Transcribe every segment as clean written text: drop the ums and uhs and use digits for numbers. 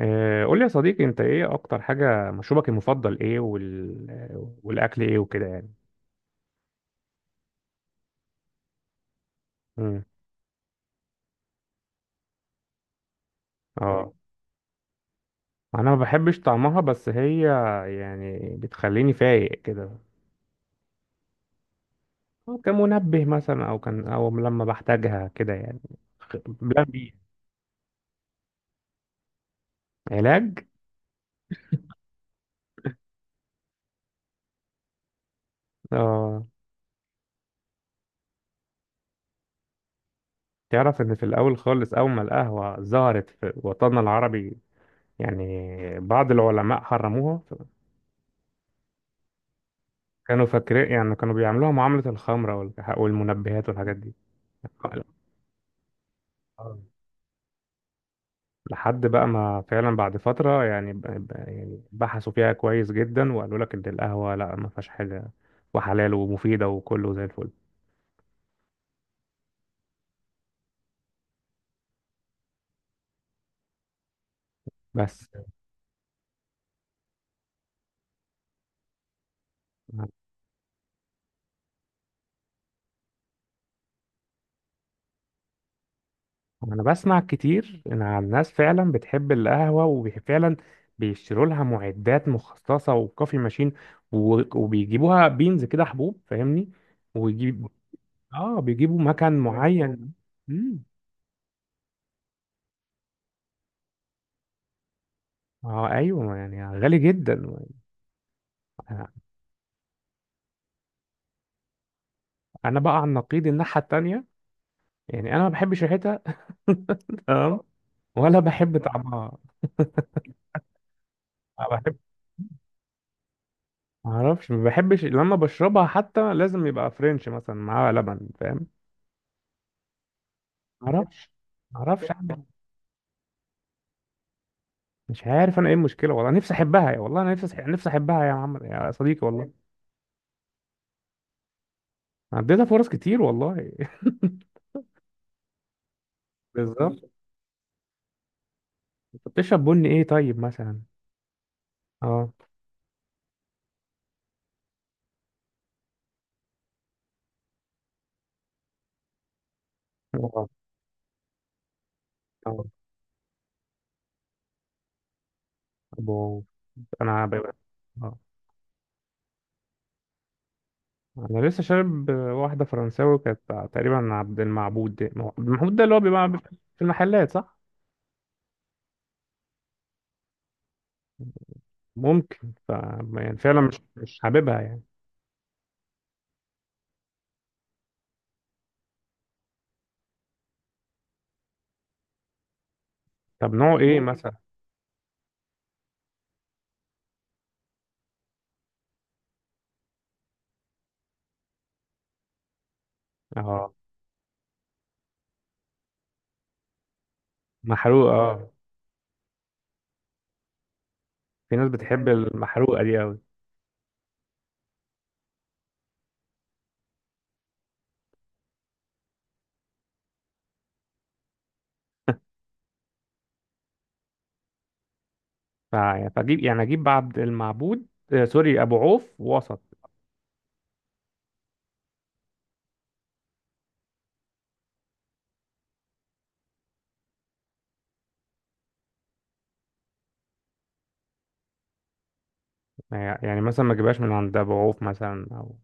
قول لي يا صديقي، انت ايه اكتر حاجة؟ مشروبك المفضل ايه والاكل ايه وكده يعني. امم اه، انا ما بحبش طعمها، بس هي يعني بتخليني فايق كده. أو كمنبه مثلا، او كان، او لما بحتاجها كده يعني. بلان بي. علاج؟ اه، تعرف ان في الاول خالص، اول ما القهوة ظهرت في وطننا العربي، يعني بعض العلماء حرموها. كانوا فاكرين، يعني كانوا بيعملوها معاملة الخمرة والمنبهات والحاجات دي. لحد بقى ما فعلا بعد فترة يعني، يعني بحثوا فيها كويس جدا، وقالوا لك إن القهوة لا، ما فيهاش حاجة، وحلال ومفيدة وكله زي الفل. بس أنا بسمع كتير إن عن ناس فعلا بتحب القهوة، وفعلا بيشتروا لها معدات مخصصة وكوفي ماشين، وبيجيبوها بينز كده، حبوب، فاهمني؟ ويجيب، آه، بيجيبوا مكان معين. مم. اه ايوه، يعني غالي جدا. انا بقى على النقيض، الناحيه التانيه. يعني انا ما بحبش ريحتها، اه، ولا بحب طعمها. ما بحب، ما اعرفش، ما بحبش لما بشربها، حتى لازم يبقى فرنش مثلا معاها لبن، فاهم؟ ما اعرفش، ما اعرفش أعمل- مش عارف انا ايه المشكله والله. نفسي احبها يا والله، انا نفسي نفسي احبها يا محمد يا صديقي والله. عديتها فرص كتير والله. بالظبط. انت بتشرب بني ايه طيب مثلا؟ اه. اه. آه. أبو- انا ب- اه، انا لسه شارب واحده فرنساوي كانت، تقريبا عبد المعبود. ده هو عبد المعبود ده اللي هو بيبقى في المحلات، صح؟ ممكن ف، يعني فعلا مش حاببها يعني. طب نوع ايه ممكن مثلا؟ اه، محروقه اه. في ناس بتحب المحروقه دي قوي. يعني، فاجيب، اجيب عبد المعبود، سوري، ابو عوف وسط. يعني مثلا ما اجيبهاش من عند ابو عوف مثلا او؟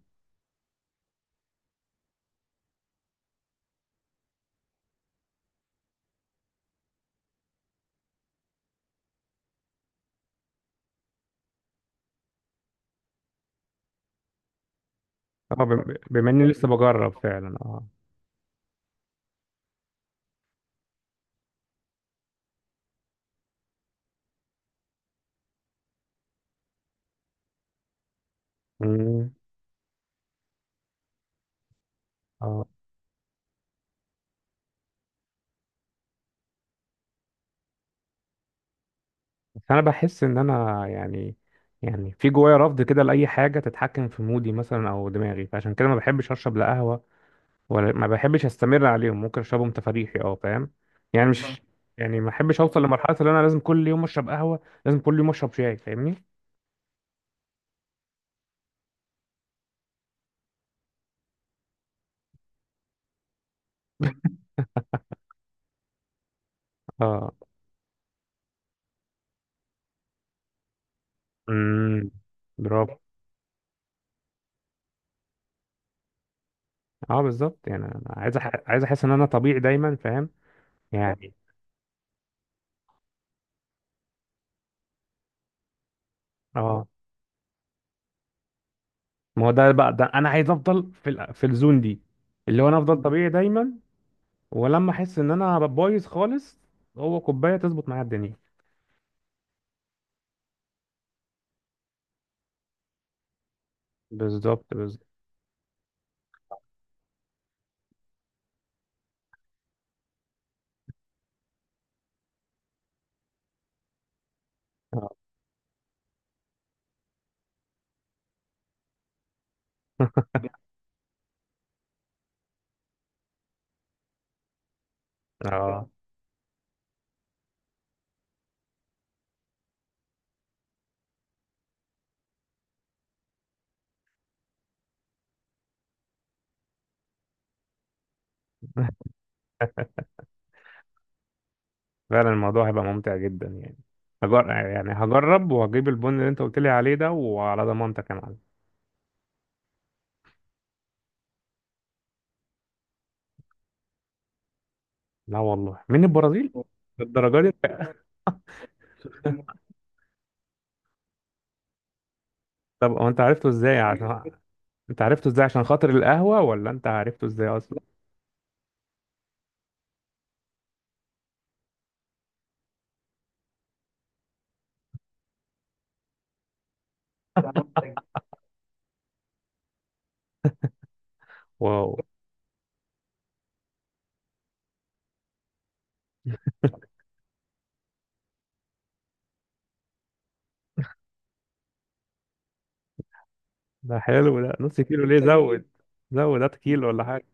اه، بما اني لسه بجرب فعلا، اه. مم. اه بس انا بحس ان انا يعني، يعني في جوايا رفض كده لاي حاجه تتحكم في مودي مثلا او دماغي. فعشان كده ما بحبش اشرب لا قهوه ولا، ما بحبش استمر عليهم. ممكن اشربهم تفريحي، اه، فاهم؟ يعني آه. مش يعني، ما احبش اوصل لمرحله اللي انا لازم كل يوم اشرب قهوه، لازم كل يوم اشرب شاي، فاهمني؟ اه. امم برافو. اه بالظبط، يعني انا عايز عايز احس ان انا طبيعي دايما، فاهم؟ يعني اه. ما هو ده بقى، ده انا عايز افضل في الزون دي، اللي هو انا افضل طبيعي دايما. ولما احس ان انا بايظ خالص، هو كوبايه تظبط معايا الدنيا. بالظبط، بالظبط. اه. اه فعلا، الموضوع هيبقى ممتع جدا يعني. يعني هجرب، وهجيب البن اللي انت قلت لي عليه ده، وعلى ضمانتك يا معلم. لا والله، من البرازيل؟ الدرجة دي؟ طب هو انت عرفته ازاي عشان انت عرفته ازاي عشان خاطر القهوة، ولا انت عرفته ازاي اصلا؟ واو. ده حلو، ده نص كيلو ليه؟ زود، زود، هات كيلو ولا حاجة.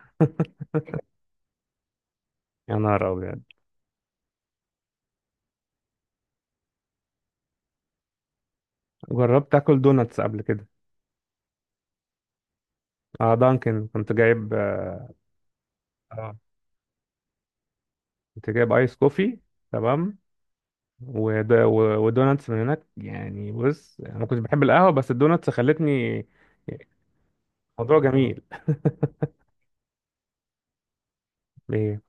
يا نهار أبيض. جربت آكل دوناتس قبل كده. اه دانكن، كنت جايب. آه، كنت جايب آيس كوفي، تمام، ودوناتس من هناك. يعني بص انا كنت بحب القهوه، بس الدوناتس خلتني. الموضوع جميل. ايه؟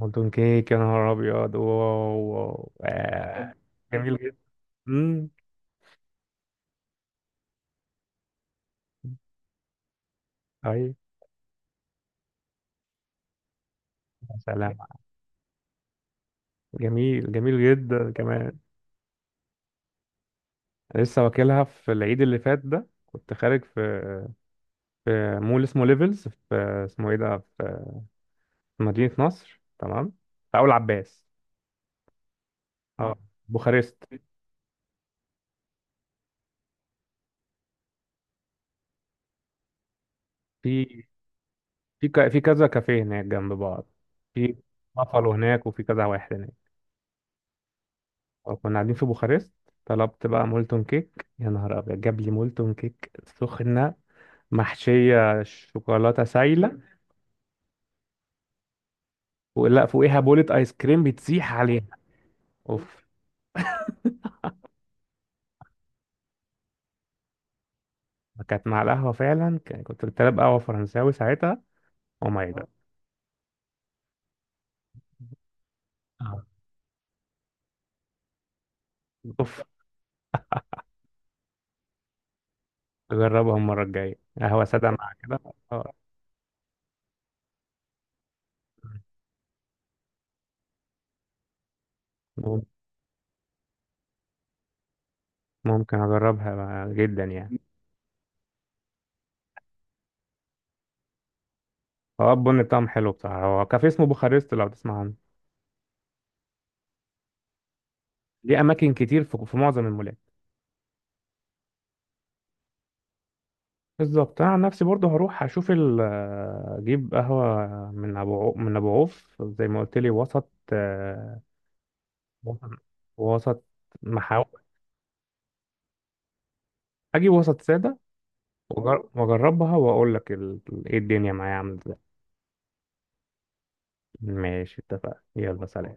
مولتون كيك؟ يا نهار ابيض، واو واو آه. جميل جدا. امم. طيب. يا سلام. جميل، جميل جدا كمان. لسه واكلها في العيد اللي فات، ده كنت خارج في، في مول اسمه ليفلز في، اسمه ايه ده، في مدينه نصر، تمام، في اول عباس. اه بوخارست. في في كذا كافيه هناك جنب بعض. في بافالو هناك، وفي كذا واحد هناك. وكنا قاعدين في بوخارست. طلبت بقى مولتون كيك، يا نهار ابيض، جاب لي مولتون كيك سخنه، محشيه شوكولاته سايله، ولا فوقيها بولة ايس كريم بتسيح عليها. اوف. كانت مع القهوه فعلا، كنت طالب قهوه فرنساوي ساعتها. او ماي جاد. آه. اوف. اجربها المره الجايه قهوه ساده مع كده. آه. ممكن اجربها جدا يعني. اه البن بتاعهم حلو بصراحة، هو كافيه اسمه بوخارست، لو تسمع عنه. ليه أماكن كتير في، في معظم المولات. بالظبط. أنا عن نفسي برضه هروح أشوف ال، أجيب قهوة من من أبو عوف زي ما قلت لي، وسط، وسط، وسط محاور. أجيب وسط سادة وأجربها، وأقول لك إيه الدنيا معايا عاملة إزاي. ماشي، اتفقنا، يلا سلام.